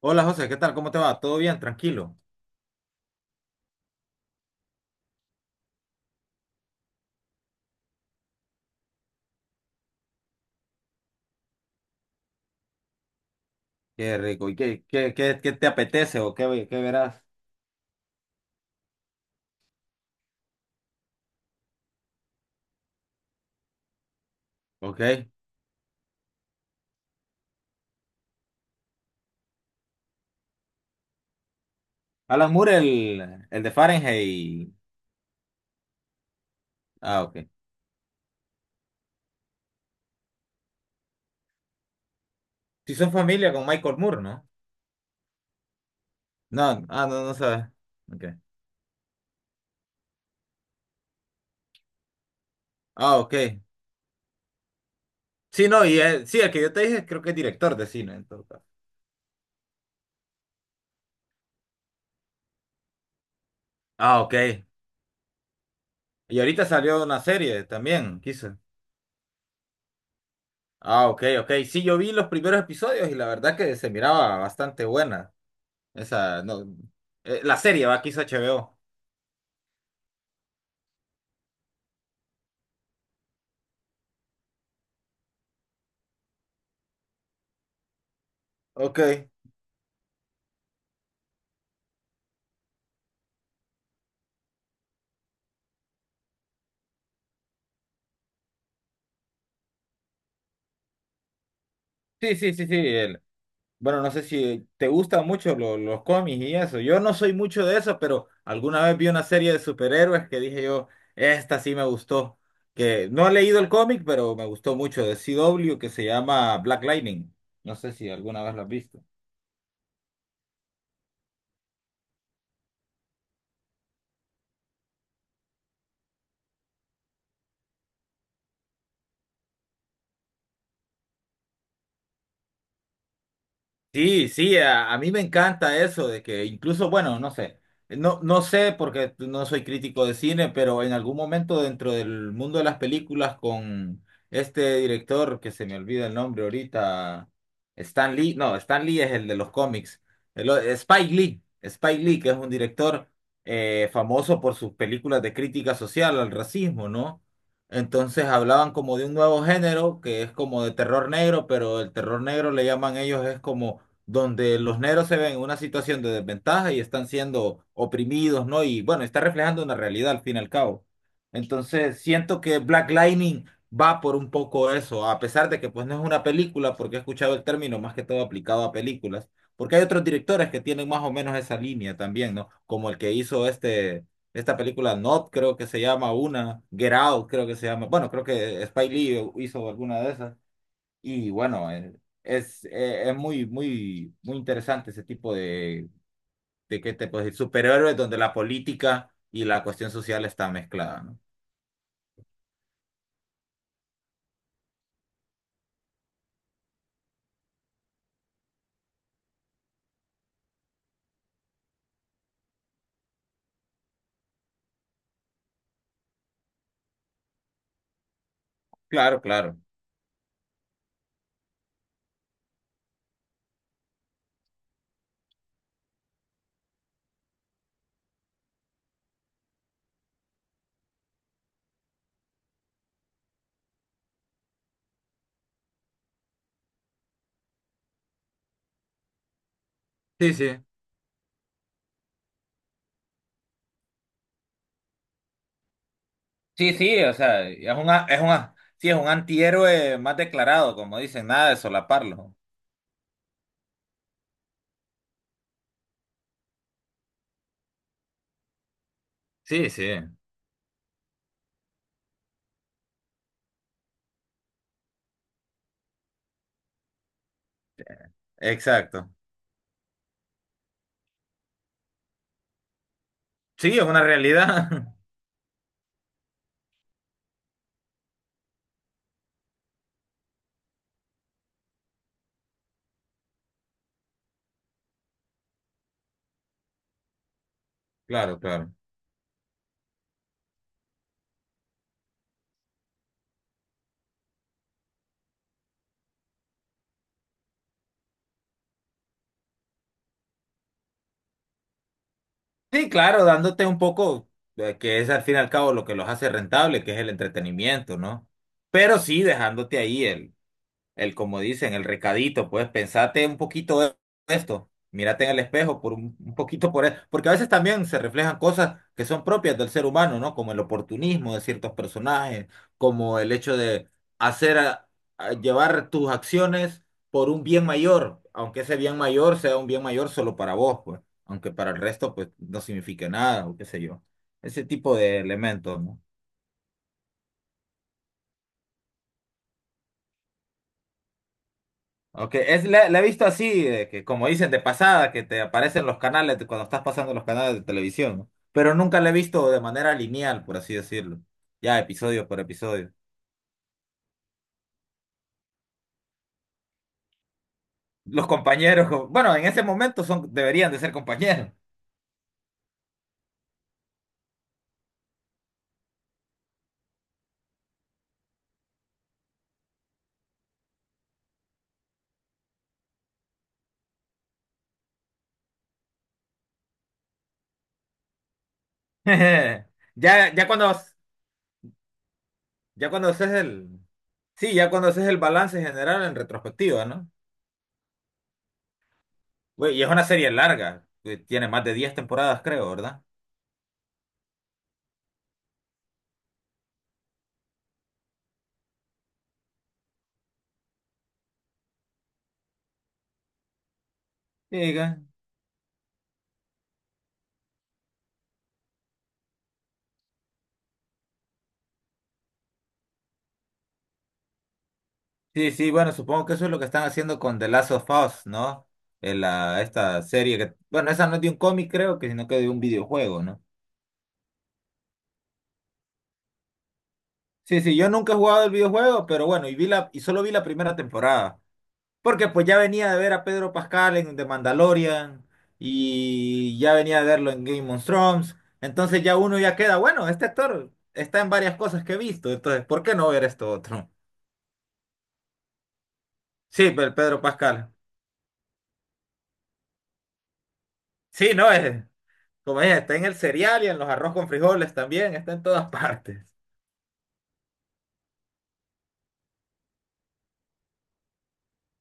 Hola José, ¿qué tal? ¿Cómo te va? ¿Todo bien? Tranquilo. Qué rico. ¿Y qué te apetece o qué verás? Ok. Alan Moore, el de Fahrenheit. Ah, ok. Si son familia con Michael Moore, ¿no? No, ah, no, no sabes. Ok. Ah, ok. Sí, no, y sí, el que yo te dije creo que es director de cine en todo caso. Ah, ok. Y ahorita salió una serie también, quizá. Ah, ok, ok. Sí, yo vi los primeros episodios y la verdad que se miraba bastante buena. Esa, no, la serie va, quiso H B O. Ok. Sí, sí, sí, sí. Bueno, no sé si te gustan mucho los cómics y eso. Yo no soy mucho de eso, pero alguna vez vi una serie de superhéroes que dije yo, esta sí me gustó. Que no he leído el cómic, pero me gustó mucho de CW que se llama Black Lightning. No sé si alguna vez lo has visto. Sí, sí, a mí me encanta eso de que incluso, bueno, no sé, no sé porque no soy crítico de cine, pero en algún momento dentro del mundo de las películas con este director que se me olvida el nombre ahorita, Stan Lee, no, Stan Lee es el de los cómics, Spike Lee, que es un director famoso por sus películas de crítica social al racismo, ¿no? Entonces hablaban como de un nuevo género que es como de terror negro, pero el terror negro le llaman ellos es como donde los negros se ven en una situación de desventaja y están siendo oprimidos, ¿no? Y bueno, está reflejando una realidad al fin y al cabo. Entonces, siento que Black Lightning va por un poco eso, a pesar de que pues no es una película, porque he escuchado el término más que todo aplicado a películas, porque hay otros directores que tienen más o menos esa línea también, ¿no? Como el que hizo este, esta película Not, creo que se llama una, Get Out, creo que se llama, bueno, creo que Spike Lee hizo alguna de esas. Y bueno, es muy, muy, muy interesante ese tipo de ¿qué te puedo decir? Superhéroes donde la política y la cuestión social está mezclada, ¿no? Claro, claro. Sí, sí. Sí, sí, o sea, es un antihéroe más declarado, como dicen, nada de solaparlo. Sí, sí. Exacto. Sí, es una realidad. Claro, claro. Sí, claro, dándote un poco, que es al fin y al cabo lo que los hace rentable, que es el entretenimiento, ¿no? Pero sí dejándote ahí el, como dicen, el recadito, pues pensate un poquito de esto, mírate en el espejo por un poquito por eso, porque a veces también se reflejan cosas que son propias del ser humano, ¿no? Como el oportunismo de ciertos personajes, como el hecho de hacer, a llevar tus acciones por un bien mayor, aunque ese bien mayor sea un bien mayor solo para vos, pues, aunque para el resto, pues, no signifique nada, o qué sé yo. Ese tipo de elementos, ¿no? Ok, la he visto así, de que como dicen de pasada, que te aparecen los canales cuando estás pasando los canales de televisión, ¿no? Pero nunca la he visto de manera lineal, por así decirlo. Ya episodio por episodio. Los compañeros, como- bueno, en ese momento son, deberían de ser compañeros. Ya, ya cuando, ya cuando haces el balance general en retrospectiva, ¿no? Güey, y es una serie larga, que tiene más de 10 temporadas, creo, ¿verdad? Sí, sí, sí, bueno, supongo que eso es lo que están haciendo con The Last of Us, ¿no? En esta serie que, bueno, esa no es de un cómic, creo que, sino que de un videojuego, ¿no? Sí, sí, yo nunca he jugado el videojuego, pero bueno, y solo vi la primera temporada. Porque pues ya venía de ver a Pedro Pascal en The Mandalorian, y ya venía de verlo en Game of Thrones. Entonces ya uno ya queda, bueno, este actor está en varias cosas que he visto, entonces, ¿por qué no ver esto otro? Sí, pero Pedro Pascal. Sí, no es. Como es, está en el cereal y en los arroz con frijoles también, está en todas partes.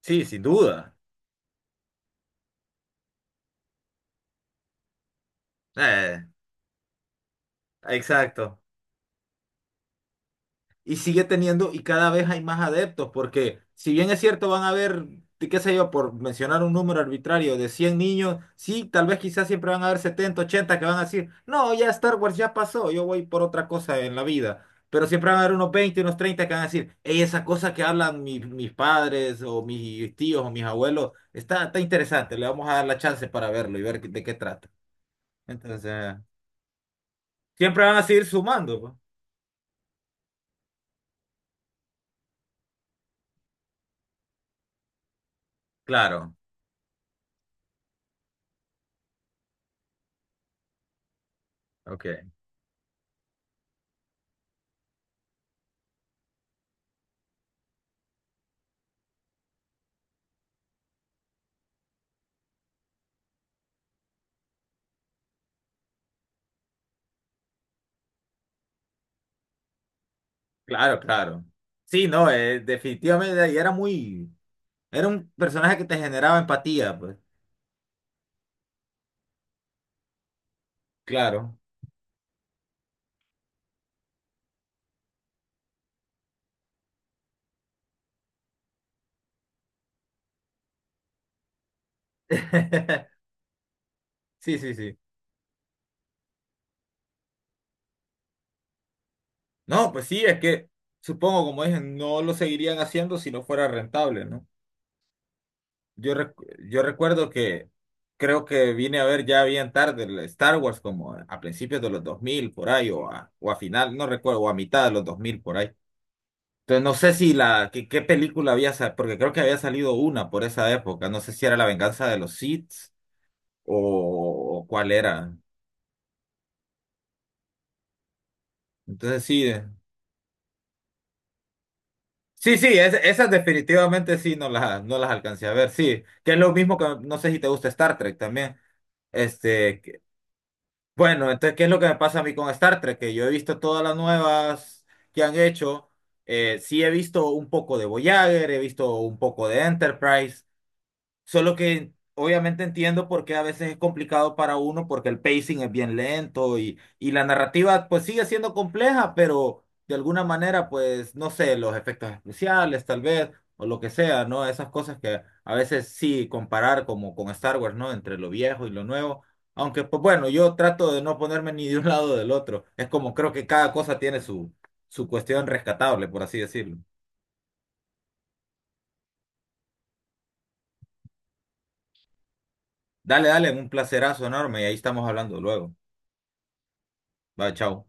Sí, sin duda. Eh, exacto. Y sigue teniendo y cada vez hay más adeptos, porque si bien es cierto, van a haber, de qué sé yo, por mencionar un número arbitrario de 100 niños, sí, tal vez quizás siempre van a haber 70 80 que van a decir, no, ya Star Wars ya pasó, yo voy por otra cosa en la vida. Pero siempre van a haber unos 20 unos 30 que van a decir, hey, esa cosa que hablan mis, mis padres o mis tíos o mis abuelos, está, está interesante, le vamos a dar la chance para verlo y ver de qué trata. Entonces, siempre van a seguir sumando, pues. Claro, ok. Claro, claro. Sí, no, definitivamente y era muy, era un personaje que te generaba empatía, pues. Claro. Sí, sí, sí. No, pues sí, es que supongo, como dije, no lo seguirían haciendo si no fuera rentable, ¿no? Yo recuerdo que creo que vine a ver ya bien tarde el Star Wars como a principios de los 2000 por ahí o o a final, no recuerdo, o a mitad de los 2000 por ahí. Entonces, no sé si qué película había, porque creo que había salido una por esa época. No sé si era La Venganza de los Sith o cuál era. Entonces, sí. Sí, sí, esas definitivamente sí no las alcancé a ver. Sí, que es lo mismo que, no sé si te gusta Star Trek también. Este, bueno, entonces, ¿qué es lo que me pasa a mí con Star Trek? Que yo he visto todas las nuevas que han hecho. Sí he visto un poco de Voyager, he visto un poco de Enterprise. Solo que obviamente entiendo por qué a veces es complicado para uno, porque el pacing es bien lento y la narrativa pues sigue siendo compleja, pero de alguna manera pues no sé, los efectos especiales tal vez o lo que sea, ¿no? Esas cosas que a veces sí comparar como con Star Wars, ¿no? Entre lo viejo y lo nuevo. Aunque pues bueno, yo trato de no ponerme ni de un lado o del otro. Es como creo que cada cosa tiene su cuestión rescatable, por así decirlo. Dale, dale, un placerazo enorme y ahí estamos hablando luego. Bye, chao.